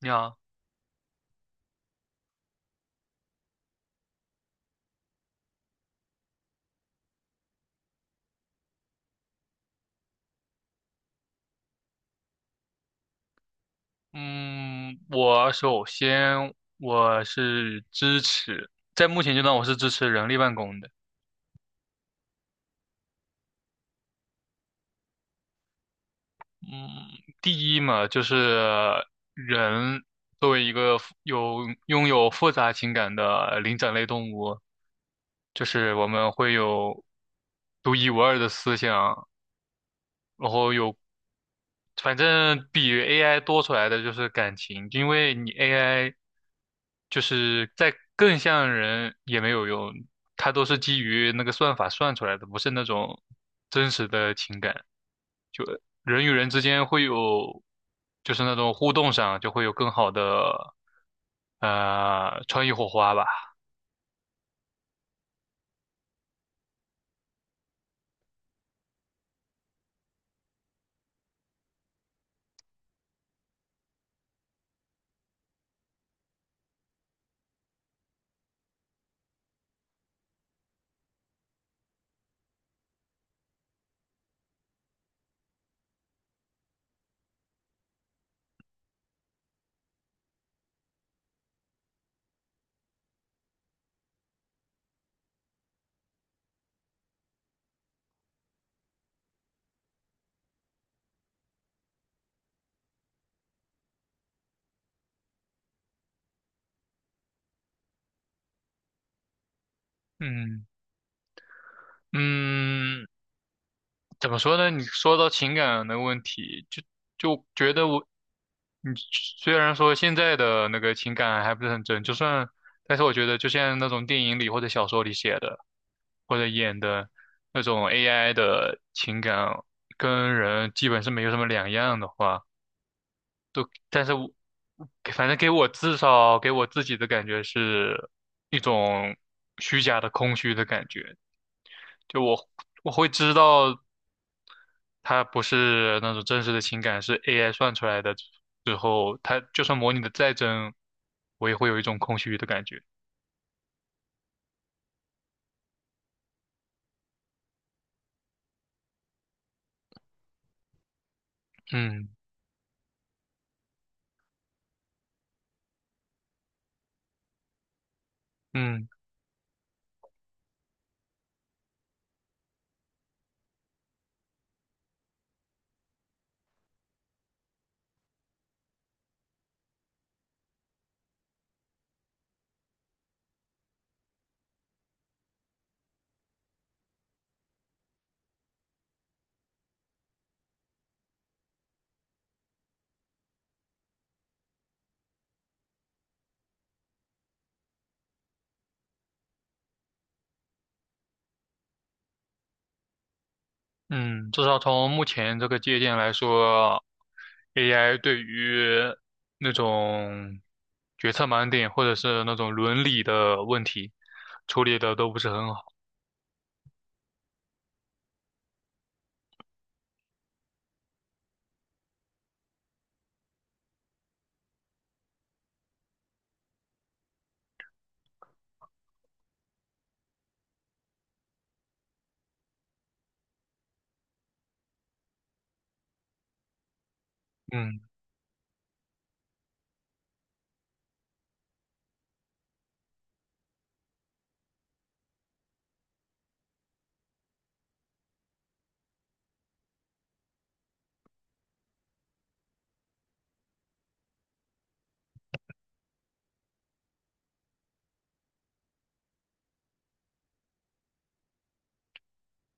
你好，嗯，我首先我是支持，在目前阶段我是支持人力办公的。第一嘛，就是人作为一个拥有复杂情感的灵长类动物，就是我们会有独一无二的思想，然后有反正比 AI 多出来的就是感情，因为你 AI 就是在更像人也没有用，它都是基于那个算法算出来的，不是那种真实的情感。就人与人之间会有，就是那种互动上就会有更好的创意火花吧。嗯，嗯，怎么说呢？你说到情感的问题，就觉得我嗯，虽然说现在的那个情感还不是很真，就算，但是我觉得就像那种电影里或者小说里写的，或者演的那种 AI 的情感，跟人基本是没有什么两样的话，都，但是我反正至少给我自己的感觉是一种虚假的空虚的感觉，就我我会知道它不是那种真实的情感，是 AI 算出来的之后，它就算模拟的再真，我也会有一种空虚的感觉。嗯。嗯。嗯，至少从目前这个界限来说，AI 对于那种决策盲点或者是那种伦理的问题处理的都不是很好。嗯，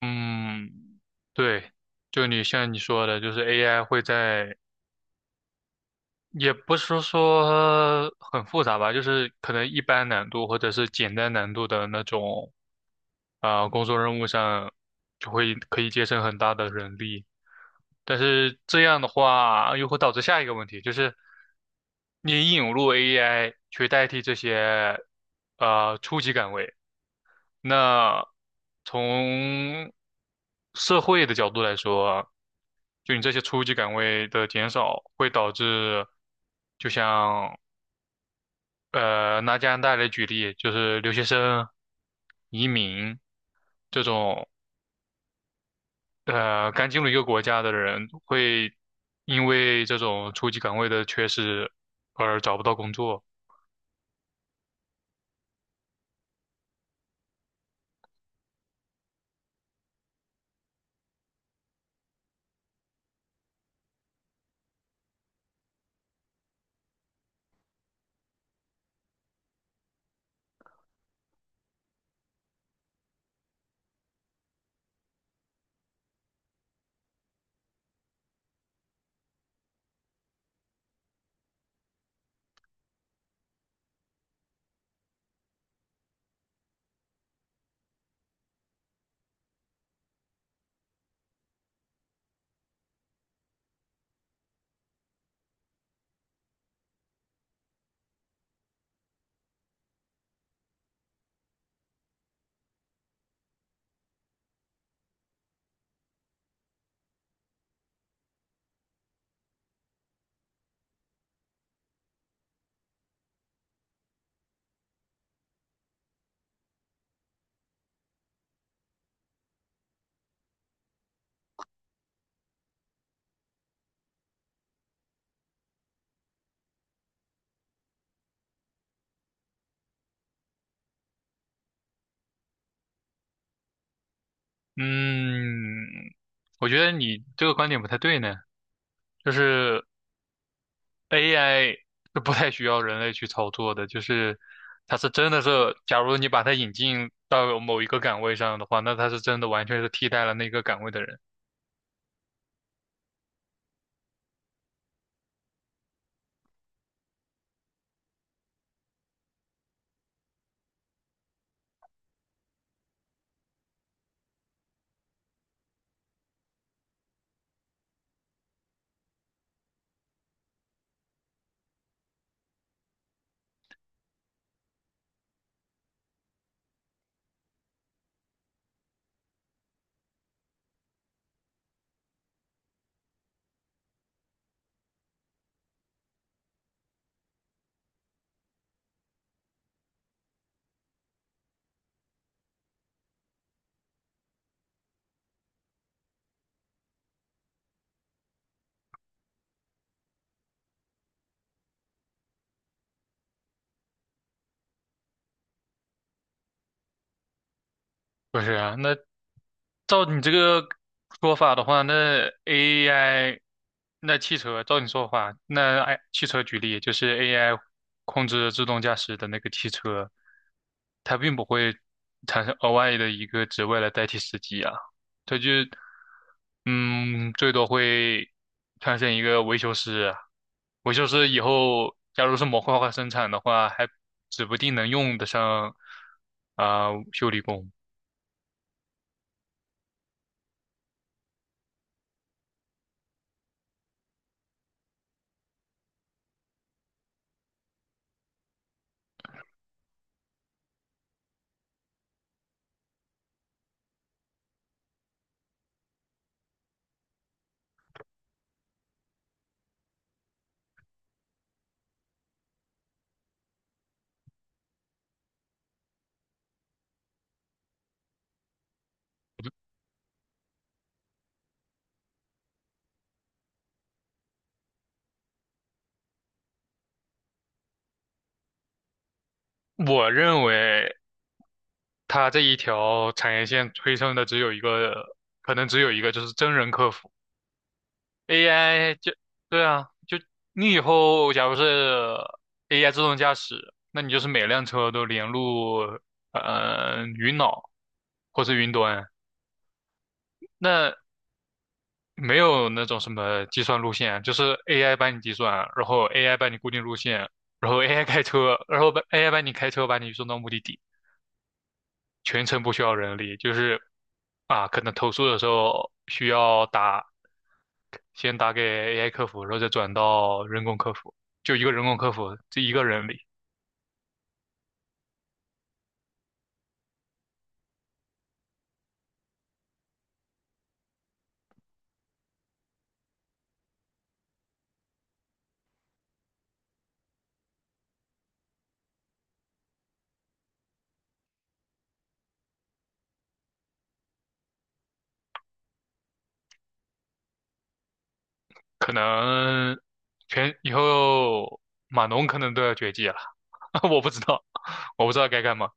嗯，对，就像你说的，就是 AI 会在也不是说很复杂吧，就是可能一般难度或者是简单难度的那种，啊、工作任务上就会可以节省很大的人力。但是这样的话，又会导致下一个问题，就是你引入 AI 去代替这些初级岗位，那从社会的角度来说，就你这些初级岗位的减少，会导致，就像拿加拿大来举例，就是留学生、移民这种刚进入一个国家的人，会因为这种初级岗位的缺失而找不到工作。嗯，我觉得你这个观点不太对呢，就是。AI 是不太需要人类去操作的，就是它是真的是，假如你把它引进到某一个岗位上的话，那它是真的完全是替代了那个岗位的人。不是啊，那照你这个说法的话，那 AI，那汽车，照你说法，那 I 汽车举例，就是 AI 控制自动驾驶的那个汽车，它并不会产生额外的一个职位来代替司机啊，它就，嗯，最多会产生一个维修师，维修师以后假如是模块化生产的话，还指不定能用得上啊、修理工。我认为它这一条产业线催生的只有一个，可能只有一个，就是真人客服。AI 就，对啊，就你以后假如是 AI 自动驾驶，那你就是每辆车都连入云脑或是云端，那没有那种什么计算路线，就是 AI 帮你计算，然后 AI 帮你固定路线，然后 AI 开车，然后把 AI 帮你开车把你送到目的地。全程不需要人力，就是啊，可能投诉的时候需要打，先打给 AI 客服，然后再转到人工客服，就一个人工客服，这一个人力，可能全以后码农可能都要绝迹了，我不知道，我不知道该干嘛。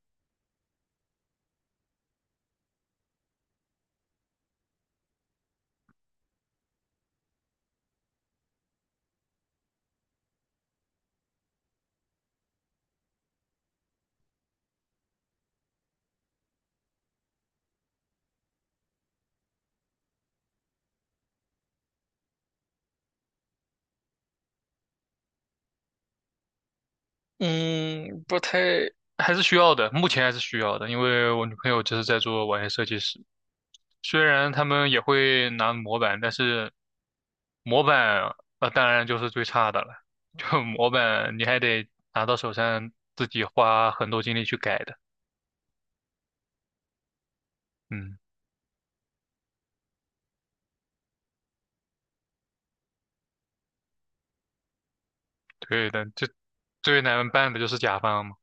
嗯，不太，还是需要的，目前还是需要的，因为我女朋友就是在做网页设计师，虽然他们也会拿模板，但是。模板，当然就是最差的了。就模板你还得拿到手上自己花很多精力去改的。嗯，对的，这最难办的就是甲方嘛。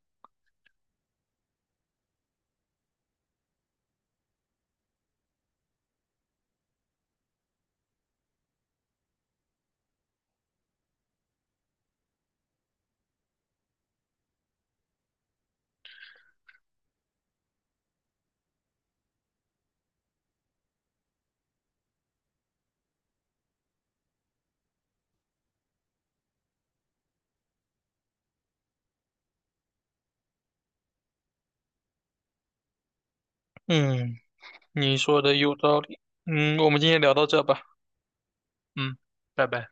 嗯，你说的有道理。嗯，我们今天聊到这吧。嗯，拜拜。